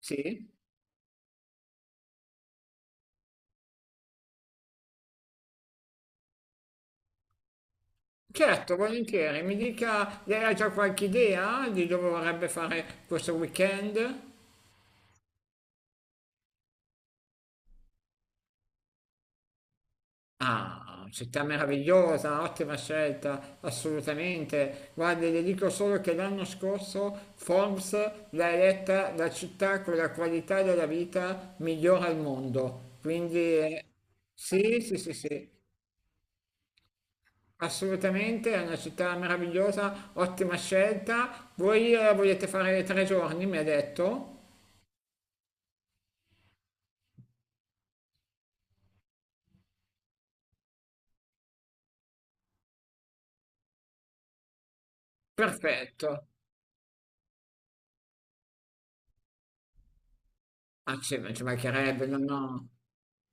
Sì, certo, volentieri. Mi dica, lei ha già qualche idea di dove vorrebbe fare questo weekend? Ah, città meravigliosa, ottima scelta, assolutamente. Guarda, le dico solo che l'anno scorso Forbes l'ha eletta la città con la qualità della vita migliore al mondo. Quindi sì, sì, sì, sì, assolutamente, è una città meravigliosa, ottima scelta. Voi volete fare 3 giorni, mi ha detto? Perfetto, ah sì, ma ci mancherebbe, no, no.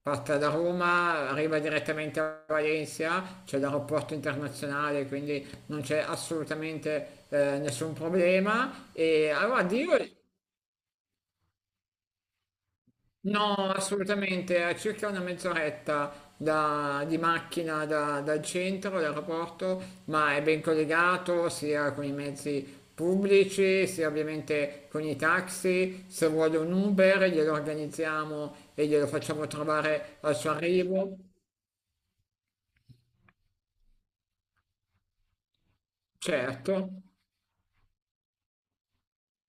Parta da Roma, arriva direttamente a Valencia, c'è l'aeroporto internazionale, quindi non c'è assolutamente nessun problema. E allora, Dio. No, assolutamente, a circa una mezz'oretta di macchina dal centro, dall'aeroporto, ma è ben collegato sia con i mezzi pubblici, sia ovviamente con i taxi. Se vuole un Uber, glielo organizziamo e glielo facciamo trovare al suo arrivo. Certo,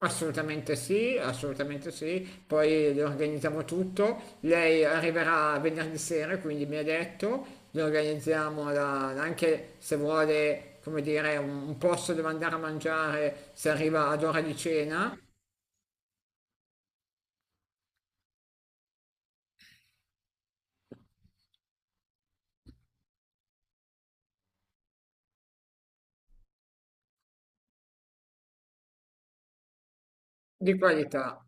assolutamente sì, assolutamente sì, poi le organizziamo tutto, lei arriverà venerdì sera, quindi mi ha detto, le organizziamo anche se vuole, come dire, un posto dove andare a mangiare, se arriva ad ora di cena, di qualità.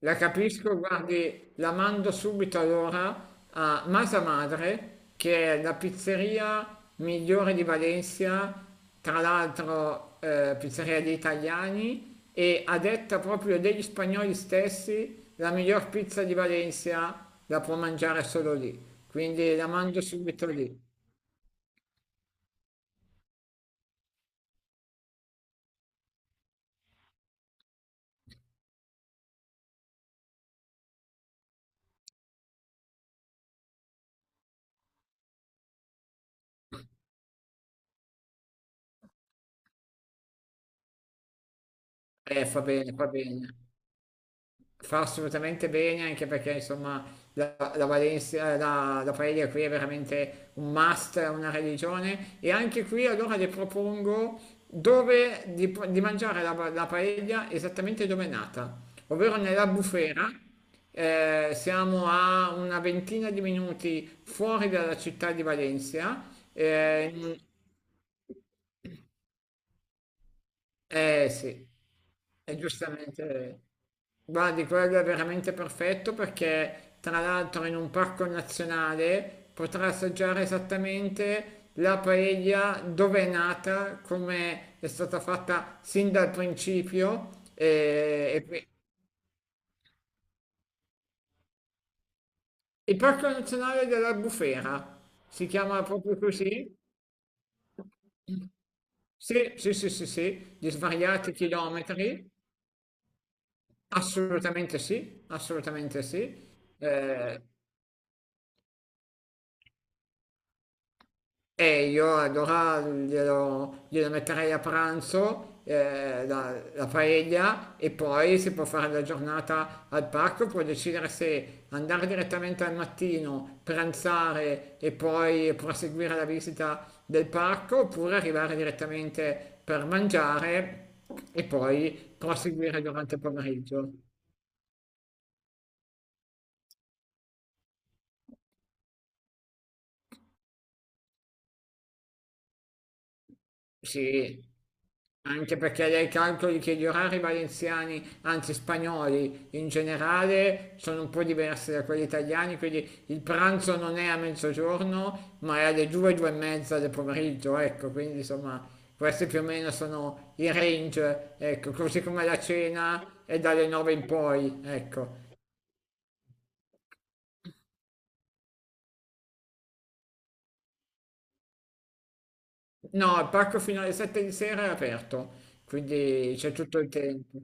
La capisco, guardi, la mando subito allora a Masa Madre, che è la pizzeria migliore di Valencia, tra l'altro pizzeria degli italiani e a detta proprio degli spagnoli stessi, la miglior pizza di Valencia la può mangiare solo lì. Quindi la mando subito lì. Fa bene, fa bene. Fa assolutamente bene anche perché insomma la Valencia, la paella qui è veramente un must, è una religione e anche qui allora le propongo dove di mangiare la paella esattamente dove è nata, ovvero nella bufera, siamo a una ventina di minuti fuori dalla città di Valencia, eh, eh sì, è giustamente... Guardi, quello è veramente perfetto perché tra l'altro in un parco nazionale potrà assaggiare esattamente la paella dove è nata, come è stata fatta sin dal principio. Il parco nazionale dell'Albufera si chiama proprio così? Sì, sì, sì, sì, sì, di svariati chilometri. Assolutamente sì, assolutamente sì. Eh, e io allora glielo metterei a pranzo, la paella, e poi si può fare la giornata al parco, può decidere se andare direttamente al mattino, pranzare e poi proseguire la visita del parco, oppure arrivare direttamente per mangiare e poi proseguire durante il pomeriggio. Sì, anche perché lei calcoli che gli orari valenziani, anzi spagnoli in generale, sono un po' diversi da quelli italiani, quindi il pranzo non è a mezzogiorno, ma è alle due, due e mezza del pomeriggio, ecco, quindi insomma questi più o meno sono i range, ecco, così come la cena è dalle nove in poi, ecco. No, il parco fino alle sette di sera è aperto, quindi c'è tutto il tempo.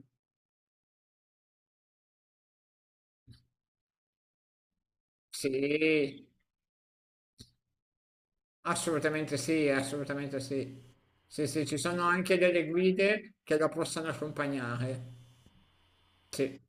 Sì. Assolutamente sì, assolutamente sì. Sì, sì, ci sono anche delle guide che la possono accompagnare. Sì.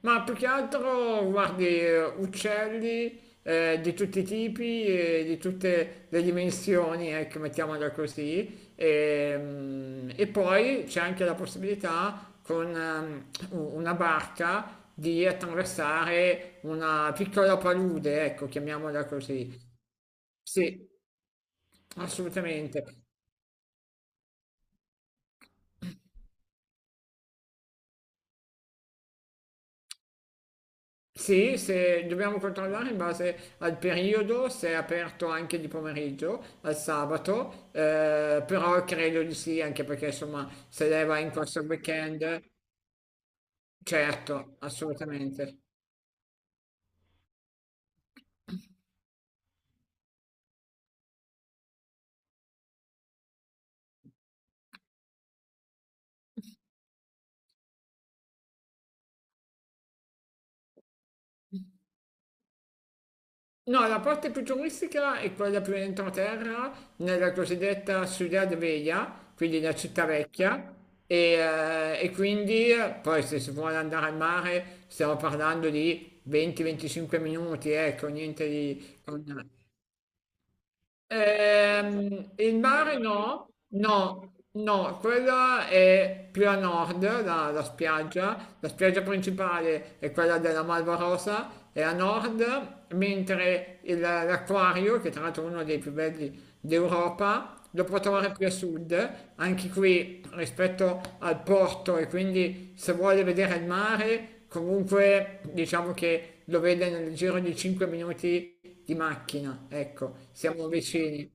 Ma più che altro, guardi, uccelli di tutti i tipi e di tutte le dimensioni, ecco, mettiamola così. E poi c'è anche la possibilità con una barca di attraversare una piccola palude, ecco, chiamiamola così. Sì. Assolutamente. Sì, se dobbiamo controllare in base al periodo, se è aperto anche di pomeriggio, al sabato, però credo di sì, anche perché insomma se lei va in corso al weekend, certo, assolutamente. No, la parte più turistica è quella più entroterra, nella cosiddetta Ciudad Vella, quindi la città vecchia, e, e quindi poi se si vuole andare al mare stiamo parlando di 20-25 minuti, ecco, niente di... con- Il mare no, no, no, quella è più a nord, la spiaggia principale è quella della Malva Rosa, è a nord, mentre l'acquario, che tra l'altro è uno dei più belli d'Europa, lo può trovare più a sud, anche qui rispetto al porto e quindi se vuole vedere il mare, comunque diciamo che lo vede nel giro di 5 minuti di macchina, ecco, siamo vicini.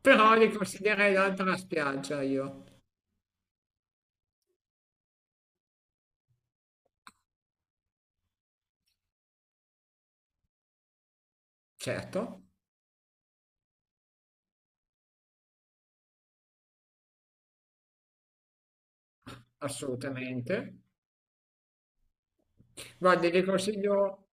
Però li consiglierei l'altra spiaggia io, certo, assolutamente. Guardi, vi consiglio,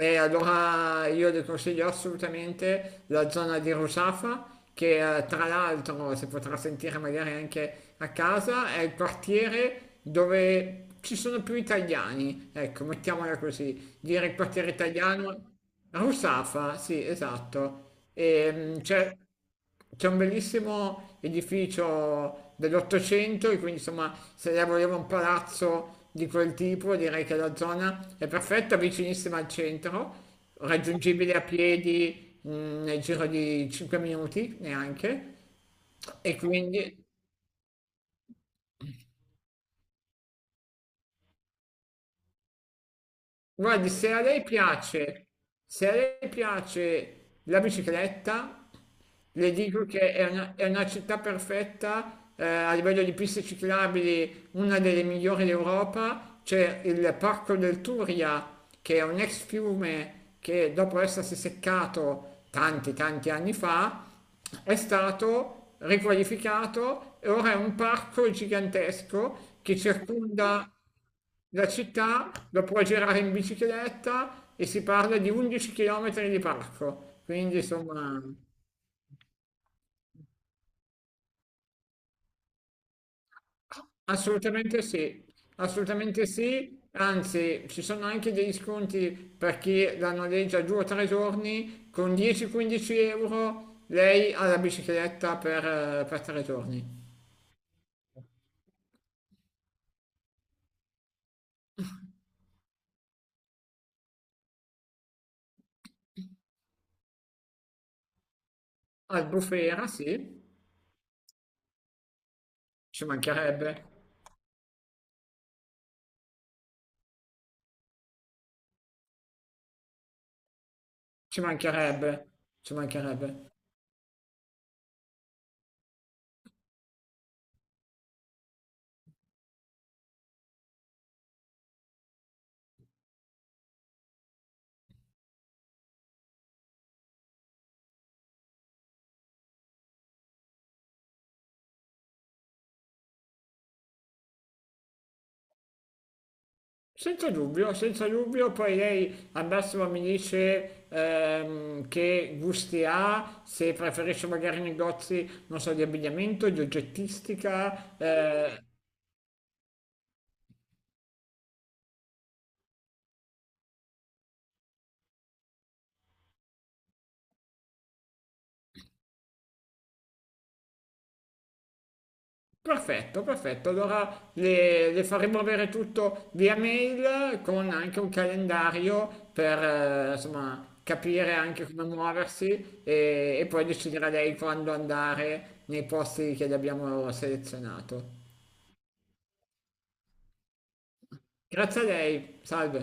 e allora io le consiglio assolutamente la zona di Rusafa, che tra l'altro si potrà sentire magari anche a casa, è il quartiere dove ci sono più italiani, ecco, mettiamola così, dire il quartiere italiano. Rusafa, sì, esatto. C'è un bellissimo edificio dell'Ottocento, e quindi insomma, se lei voleva un palazzo di quel tipo, direi che la zona è perfetta, vicinissima al centro, raggiungibile a piedi, nel giro di 5 minuti neanche. E quindi. Guardi, se a lei piace la bicicletta, le dico che è una città perfetta, a livello di piste ciclabili, una delle migliori d'Europa. C'è il Parco del Turia, che è un ex fiume che dopo essersi seccato tanti, tanti anni fa, è stato riqualificato e ora è un parco gigantesco che circonda... La città la puoi girare in bicicletta e si parla di 11 km di parco, quindi insomma assolutamente sì, assolutamente sì, anzi ci sono anche degli sconti per chi la noleggia 2 o 3 giorni, con 10-15 euro lei ha la bicicletta per 3 giorni. Albufera sì, ci mancherebbe, ci mancherebbe, ci mancherebbe. Senza dubbio, senza dubbio, poi lei al massimo mi dice che gusti ha, se preferisce magari negozi, non so, di abbigliamento, di oggettistica. Perfetto, perfetto. Allora le faremo avere tutto via mail con anche un calendario per insomma capire anche come muoversi e poi deciderà lei quando andare nei posti che le abbiamo selezionato. Grazie a lei, salve.